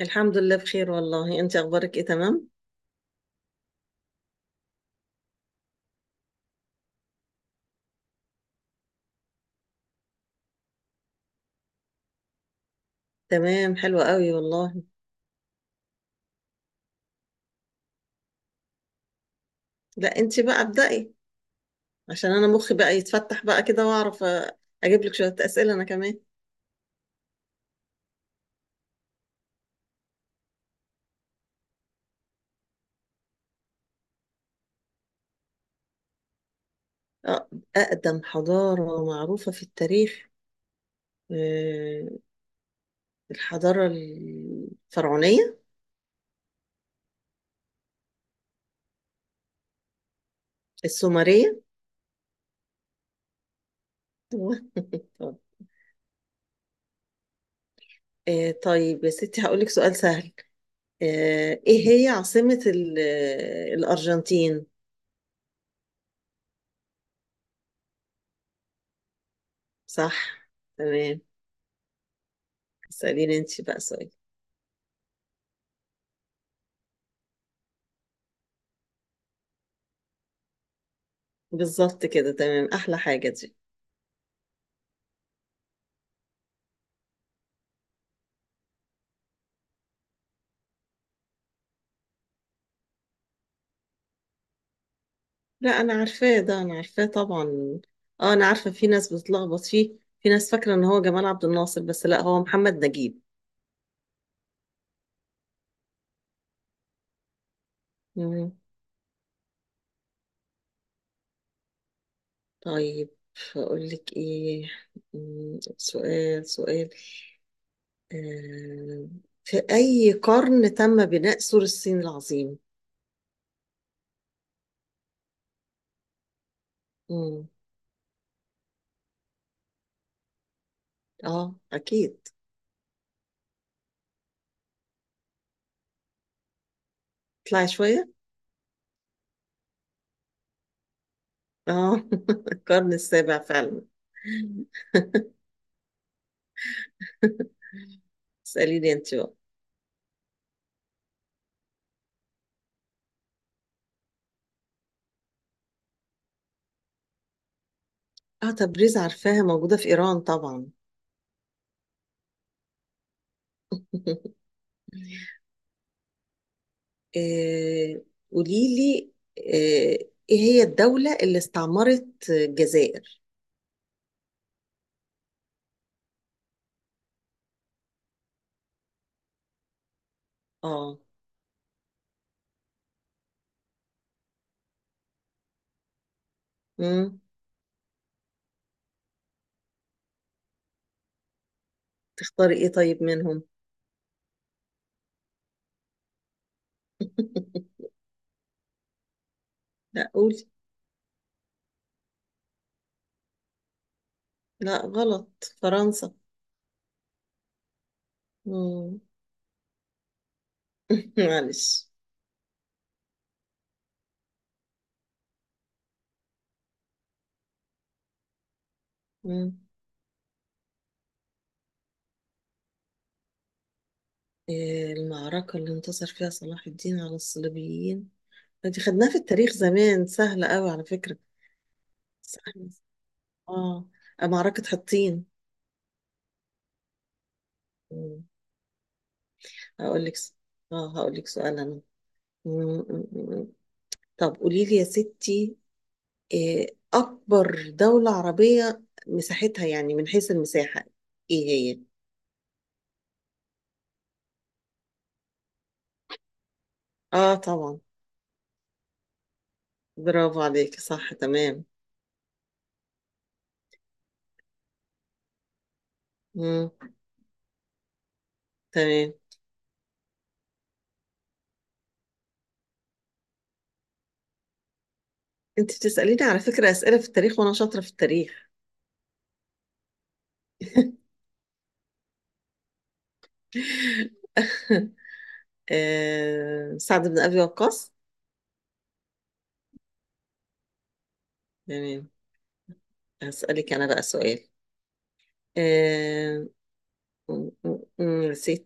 الحمد لله بخير والله، انت اخبارك ايه؟ تمام تمام، حلوة قوي والله. لا انت بقى ابدأي عشان انا مخي بقى يتفتح بقى كده واعرف اجيب لك شوية أسئلة انا كمان. اه، اقدم حضارة معروفة في التاريخ؟ اه، الحضارة الفرعونية. السومرية. أيوة. طب، اه، طيب يا ستي هقول لك سؤال سهل. اه، ايه هي عاصمة الارجنتين؟ صح، تمام. اسأليني انت بقى سؤال. بالظبط كده، تمام، احلى حاجه دي. لا انا عارفاه ده، انا عارفاه طبعا. اه انا عارفه، في ناس بتلخبط فيه، في ناس فاكره ان هو جمال عبد الناصر، بس لا، هو محمد نجيب. مم. طيب اقول لك ايه، سؤال سؤال. آه. في اي قرن تم بناء سور الصين العظيم؟ مم. اه اكيد. طلعي شويه. اه القرن السابع فعلا. اساليني انت بقى. اه تبريز عارفاها، موجودة في إيران طبعا. آه، قوليلي، آه، ايه هي الدولة اللي استعمرت الجزائر؟ اه. مم. تختاري ايه طيب منهم؟ لا قولي. لا غلط، فرنسا. مم. معلش. مم. آه، المعركة اللي انتصر فيها صلاح الدين على الصليبيين، دي خدناها في التاريخ زمان، سهلة قوي على فكرة. سهلة. اه معركة حطين. مم. هقول لك س- اه هقول لك سؤال انا. م- م- م- طب قولي لي يا ستي، إيه اكبر دولة عربية مساحتها، يعني من حيث المساحة، ايه هي؟ اه طبعا. برافو عليك، صح تمام. مم. تمام. انت بتسأليني على فكرة أسئلة في التاريخ وانا شاطرة في التاريخ. آه سعد بن ابي وقاص. تمام. هسألك انا بقى سؤال. آه. يا ستي،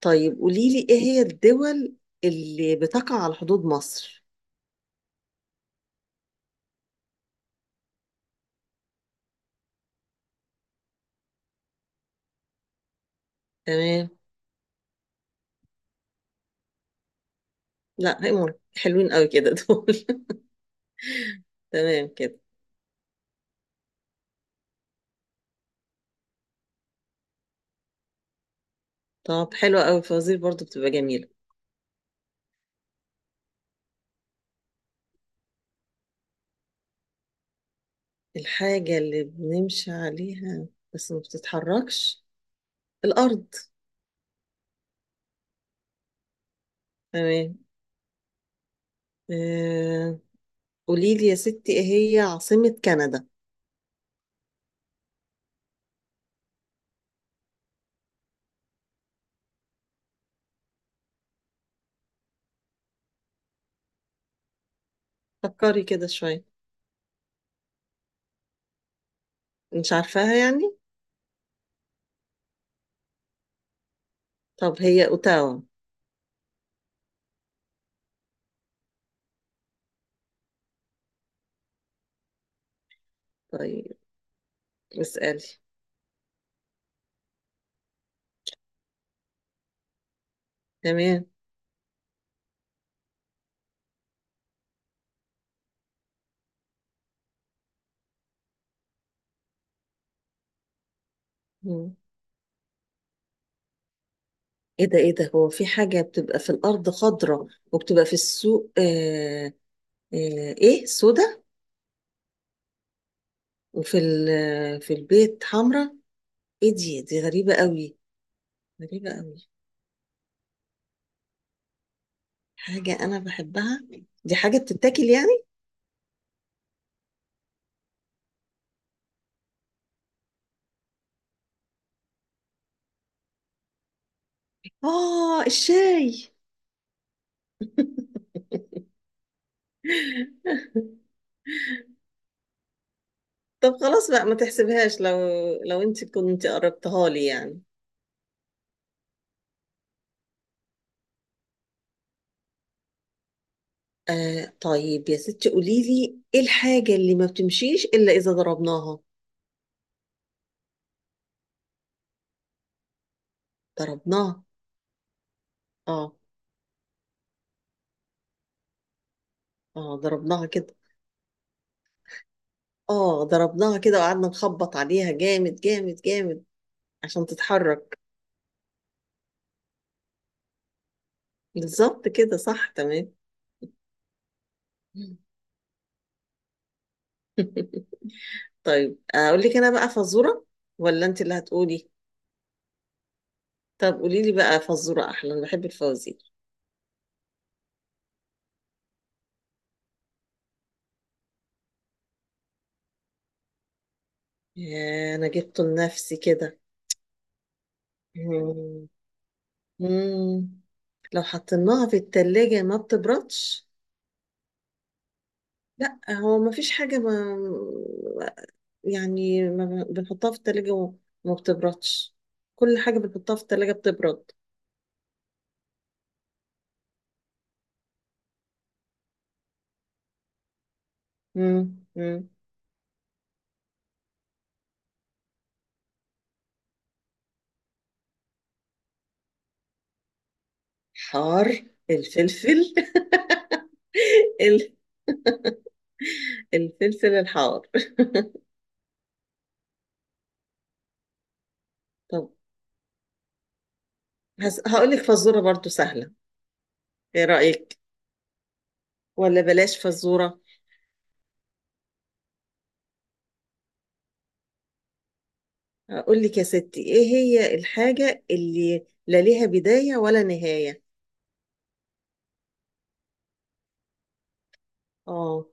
طيب قولي لي ايه هي الدول اللي بتقع على حدود مصر؟ تمام. لا هيمون، حلوين قوي كده دول. تمام كده. طب حلوة قوي الفوازير برضو، بتبقى جميلة. الحاجة اللي بنمشي عليها بس ما بتتحركش؟ الأرض. تمام. آه، قولي لي يا ستي، ايه هي عاصمة كندا؟ فكري كده شوية. مش عارفاها يعني؟ طب هي أوتاوا. طيب اسألي. تمام. ايه ده، ايه ده، هو في حاجة بتبقى في الأرض خضرة وبتبقى في السوق آه، آه ايه سودة، وفي في البيت حمرة؟ ايه دي، دي غريبة قوي. غريبة قوي. حاجة أنا بحبها؟ دي حاجة بتتاكل يعني؟ اه الشاي. طب خلاص بقى ما تحسبهاش، لو لو انت كنت قربتها لي يعني. آه طيب يا ستي، قولي لي ايه الحاجة اللي ما بتمشيش إلا إذا ضربناها؟ ضربناها، اه. اه ضربناها كده. اه ضربناها كده وقعدنا نخبط عليها جامد جامد جامد عشان تتحرك. بالظبط كده، صح تمام. طيب اقول لك انا بقى فزوره، ولا انت اللي هتقولي؟ طب قولي لي بقى فزوره احلى، انا بحب الفوازير. يا انا جبته لنفسي كده. مم. مم. لو حطيناها في التلاجة ما بتبردش؟ لا هو ما فيش حاجة، ما يعني ما بنحطها في التلاجة وما بتبردش، كل حاجة بنحطها في التلاجة بتبرد. مم. مم. حار، الفلفل. ال- الفلفل الحار. طب هقول لك فزورة برضو سهلة. ايه رأيك، ولا بلاش فزورة؟ اقول لك يا ستي، ايه هي الحاجة اللي لا ليها بداية ولا نهاية؟ اه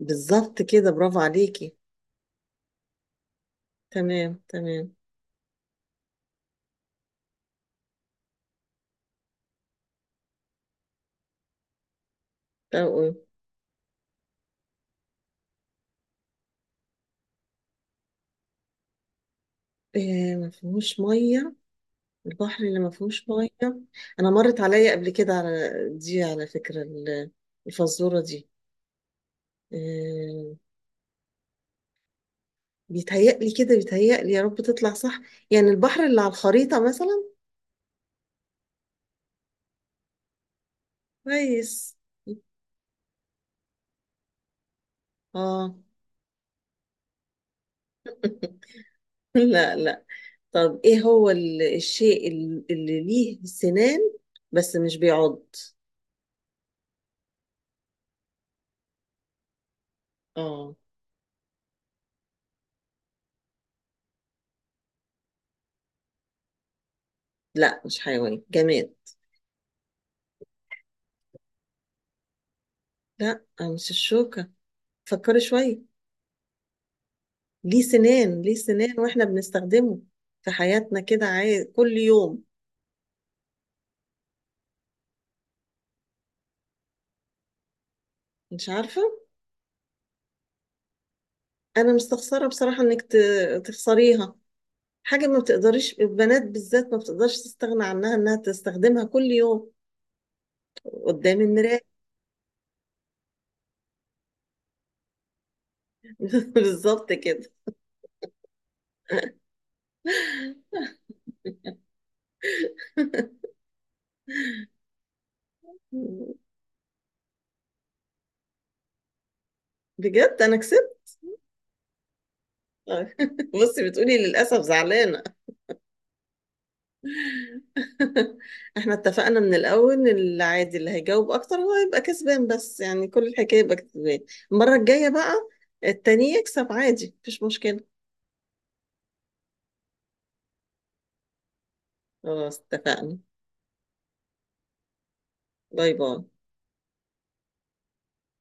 بالظبط كده، برافو عليكي. تمام تمام. طب قول. إيه ما فيهوش مية؟ البحر اللي ما فيهوش ميه، انا مرت عليا قبل كده على دي، على فكره، الفزوره دي. آه، بيتهيألي كده، بيتهيألي يا رب تطلع صح، يعني البحر اللي على الخريطه مثلا. كويس. اه لا لا. طب ايه هو الشيء اللي ليه سنان بس مش بيعض؟ اه. لا مش حيوان، جماد. لا مش الشوكه، فكري شويه. ليه سنان، ليه سنان، واحنا بنستخدمه في حياتنا كده كل يوم. مش عارفة؟ انا مستخسرة بصراحة انك تخسريها، حاجة ما بتقدريش البنات بالذات ما بتقدرش تستغنى عنها، انها تستخدمها كل يوم. قدام المراية. بالظبط كده. بجد انا كسبت. بصي بتقولي للاسف، زعلانة. احنا اتفقنا من الاول ان العادي اللي هيجاوب اكتر هو يبقى كسبان، بس يعني كل الحكايه يبقى كسبان. المره الجايه بقى التاني يكسب عادي، مفيش مشكله. خلاص اتفقنا، باي باي.